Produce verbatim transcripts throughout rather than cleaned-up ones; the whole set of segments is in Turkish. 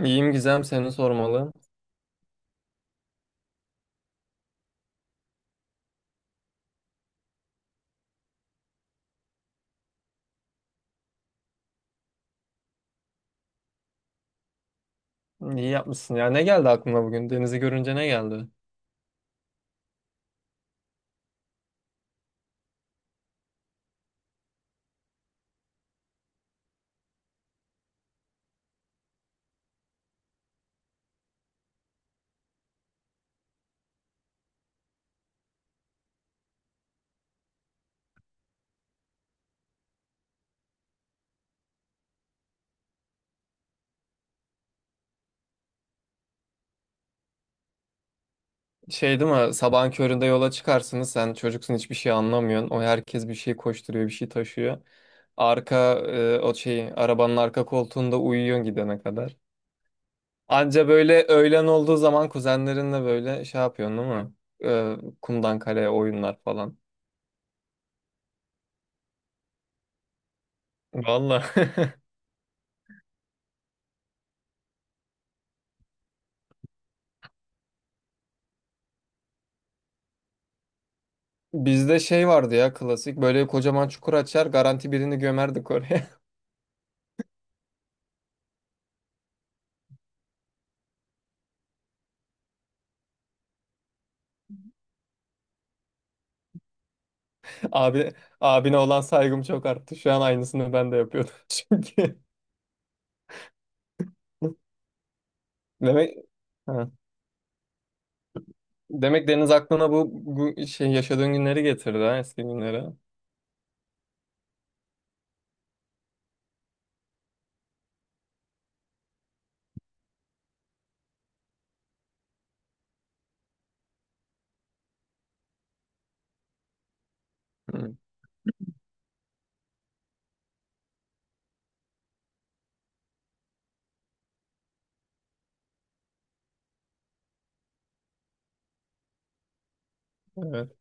İyiyim Gizem, seni sormalı. İyi yapmışsın. Ya ne geldi aklına bugün? Denizi görünce ne geldi? Şey değil mi? Sabahın köründe yola çıkarsınız. Sen çocuksun, hiçbir şey anlamıyorsun. O herkes bir şey koşturuyor, bir şey taşıyor. Arka e, o şey arabanın arka koltuğunda uyuyorsun gidene kadar. Anca böyle öğlen olduğu zaman kuzenlerinle böyle şey yapıyorsun değil mi? E, kumdan kaleye oyunlar falan. Valla. Bizde şey vardı ya klasik. Böyle kocaman çukur açar, garanti birini gömerdik oraya. Abi, Abine olan saygım çok arttı. Şu an aynısını ben de yapıyordum çünkü. Demek ha. Demek Deniz aklına bu, bu şey yaşadığın günleri getirdi ha, eski günleri. Hı, evet.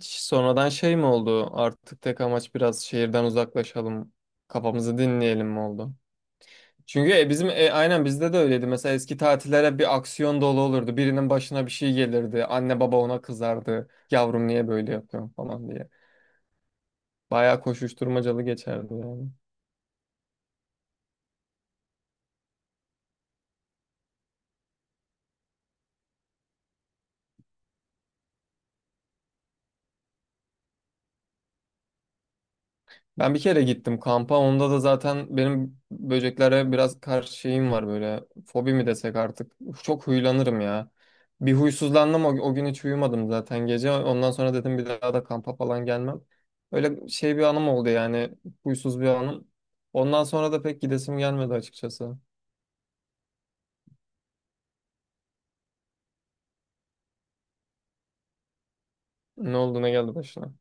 Ş- Sonradan şey mi oldu? Artık tek amaç biraz şehirden uzaklaşalım, kafamızı dinleyelim mi oldu? Çünkü e, bizim e, aynen bizde de öyleydi. Mesela eski tatillere bir aksiyon dolu olurdu. Birinin başına bir şey gelirdi. Anne baba ona kızardı. Yavrum niye böyle yapıyorsun falan diye. Bayağı koşuşturmacalı geçerdi yani. Ben bir kere gittim kampa. Onda da zaten benim böceklere biraz karşı şeyim var böyle. Fobi mi desek artık. Çok huylanırım ya. Bir huysuzlandım, o, o gün hiç uyumadım zaten gece. Ondan sonra dedim bir daha da kampa falan gelmem. Öyle şey bir anım oldu yani. Huysuz bir anım. Ondan sonra da pek gidesim gelmedi açıkçası. Ne oldu, ne geldi başına?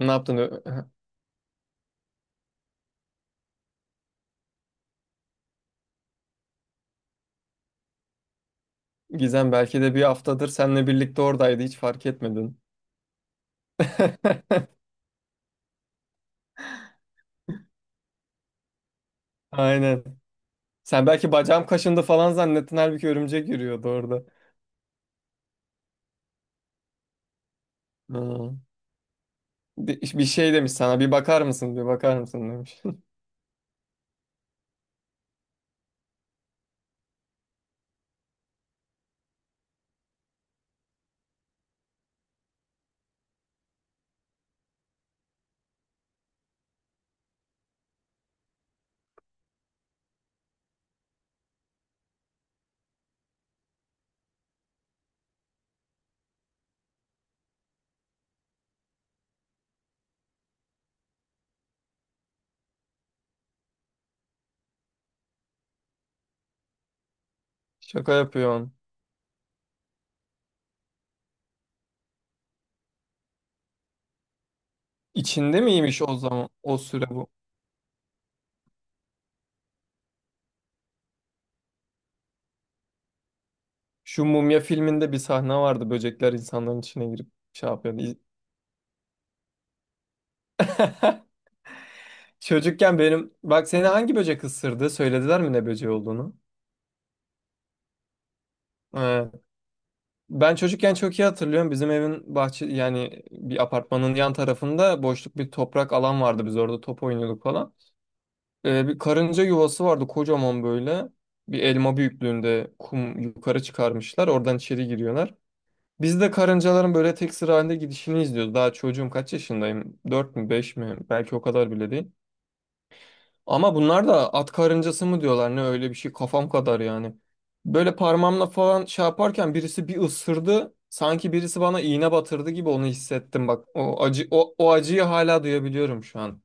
Ne yaptın? Ö- Gizem belki de bir haftadır seninle birlikte oradaydı, hiç fark etmedin. Aynen. Sen belki bacağım kaşındı falan zannettin, halbuki örümcek yürüyordu orada. Hı. Bir, bir şey demiş sana, bir bakar mısın bir bakar mısın demiş. Şaka yapıyorsun. İçinde miymiş o zaman o süre bu? Şu Mumya filminde bir sahne vardı, böcekler insanların içine girip şey yapıyordu. İz- Çocukken benim bak, seni hangi böcek ısırdı? Söylediler mi ne böceği olduğunu? Ee, ben çocukken çok iyi hatırlıyorum. Bizim evin bahçe, yani bir apartmanın yan tarafında boşluk bir toprak alan vardı. Biz orada top oynuyorduk falan. Ee, bir karınca yuvası vardı kocaman böyle. Bir elma büyüklüğünde kum yukarı çıkarmışlar, oradan içeri giriyorlar. Biz de karıncaların böyle tek sıra halinde gidişini izliyoruz. Daha çocuğum, kaç yaşındayım? Dört mü, beş mi? Belki o kadar bile değil. Ama bunlar da at karıncası mı diyorlar ne, öyle bir şey kafam kadar yani. Böyle parmağımla falan şey yaparken birisi bir ısırdı. Sanki birisi bana iğne batırdı gibi onu hissettim bak. O acı o, o acıyı hala duyabiliyorum şu an.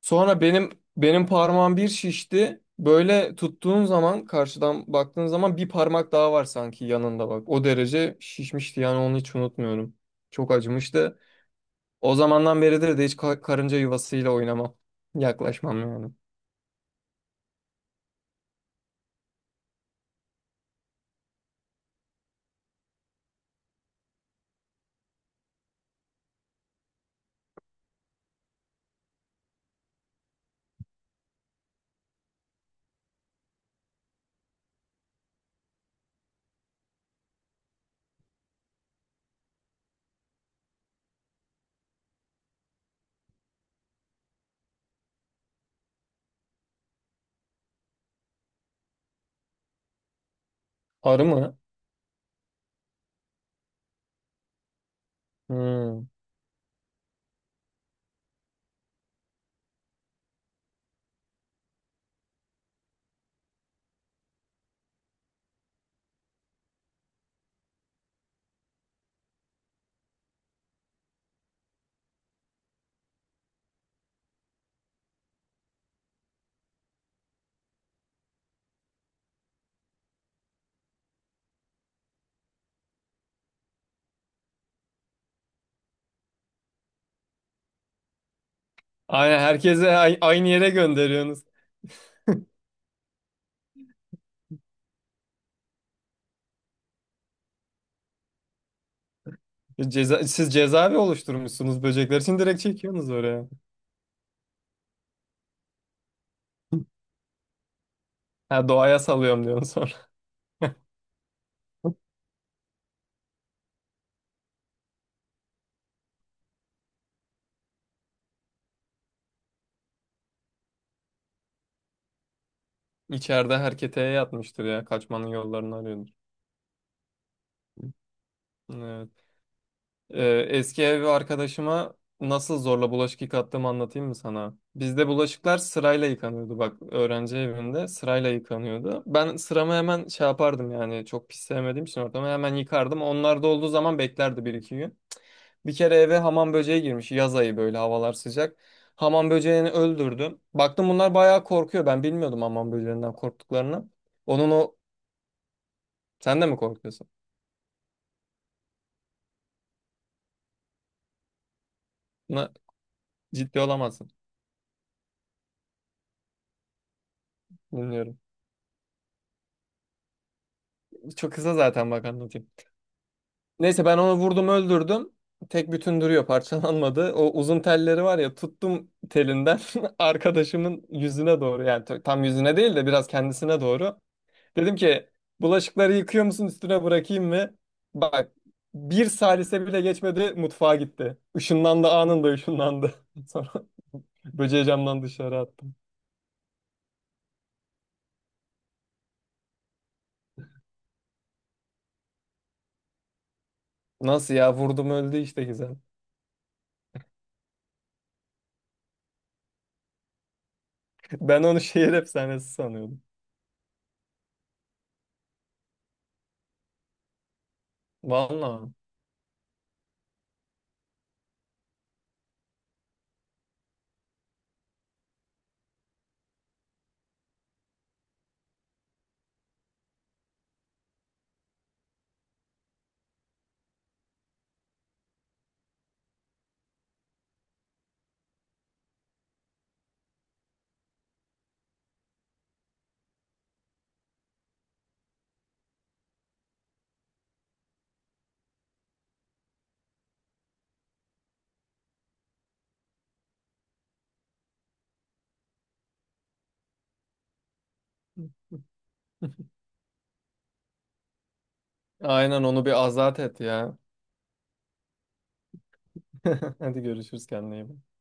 Sonra benim benim parmağım bir şişti. Böyle tuttuğun zaman, karşıdan baktığın zaman bir parmak daha var sanki yanında bak. O derece şişmişti yani, onu hiç unutmuyorum. Çok acımıştı. O zamandan beridir de hiç ka- karınca yuvasıyla oynamam. Yaklaşmam yani. Arı mı? Hmm. Aynen, herkese ay- aynı yere gönderiyorsunuz. Ceza siz cezaevi oluşturmuşsunuz böcekler için, direkt çekiyorsunuz oraya. Ha, doğaya salıyorum diyorsun. İçeride herkete yatmıştır ya. Kaçmanın yollarını arıyordur. Evet. Ee, eski ev arkadaşıma nasıl zorla bulaşık yıkattığımı anlatayım mı sana? Bizde bulaşıklar sırayla yıkanıyordu. Bak, öğrenci evinde sırayla yıkanıyordu. Ben sıramı hemen şey yapardım yani, çok pis sevmediğim için ortamı hemen yıkardım. Onlar da olduğu zaman beklerdi bir iki gün. Bir kere eve hamam böceği girmiş. Yaz ayı, böyle havalar sıcak. Hamam böceğini öldürdüm. Baktım bunlar bayağı korkuyor. Ben bilmiyordum hamam böceğinden korktuklarını. Onun o... Sen de mi korkuyorsun? Buna ciddi olamazsın. Bilmiyorum. Çok kısa zaten, bak anlatayım. Neyse, ben onu vurdum öldürdüm. Tek bütün duruyor, parçalanmadı. O uzun telleri var ya, tuttum telinden arkadaşımın yüzüne doğru, yani t- tam yüzüne değil de biraz kendisine doğru. Dedim ki bulaşıkları yıkıyor musun, üstüne bırakayım mı? Bak, bir salise bile geçmedi mutfağa gitti. Işınlandı, anında ışınlandı. Sonra böceği camdan dışarı attım. Nasıl ya, vurdum öldü işte Gizem. Ben onu şehir efsanesi sanıyordum. Vallahi. Aynen, onu bir azat et ya. Hadi görüşürüz, kendine iyi bak.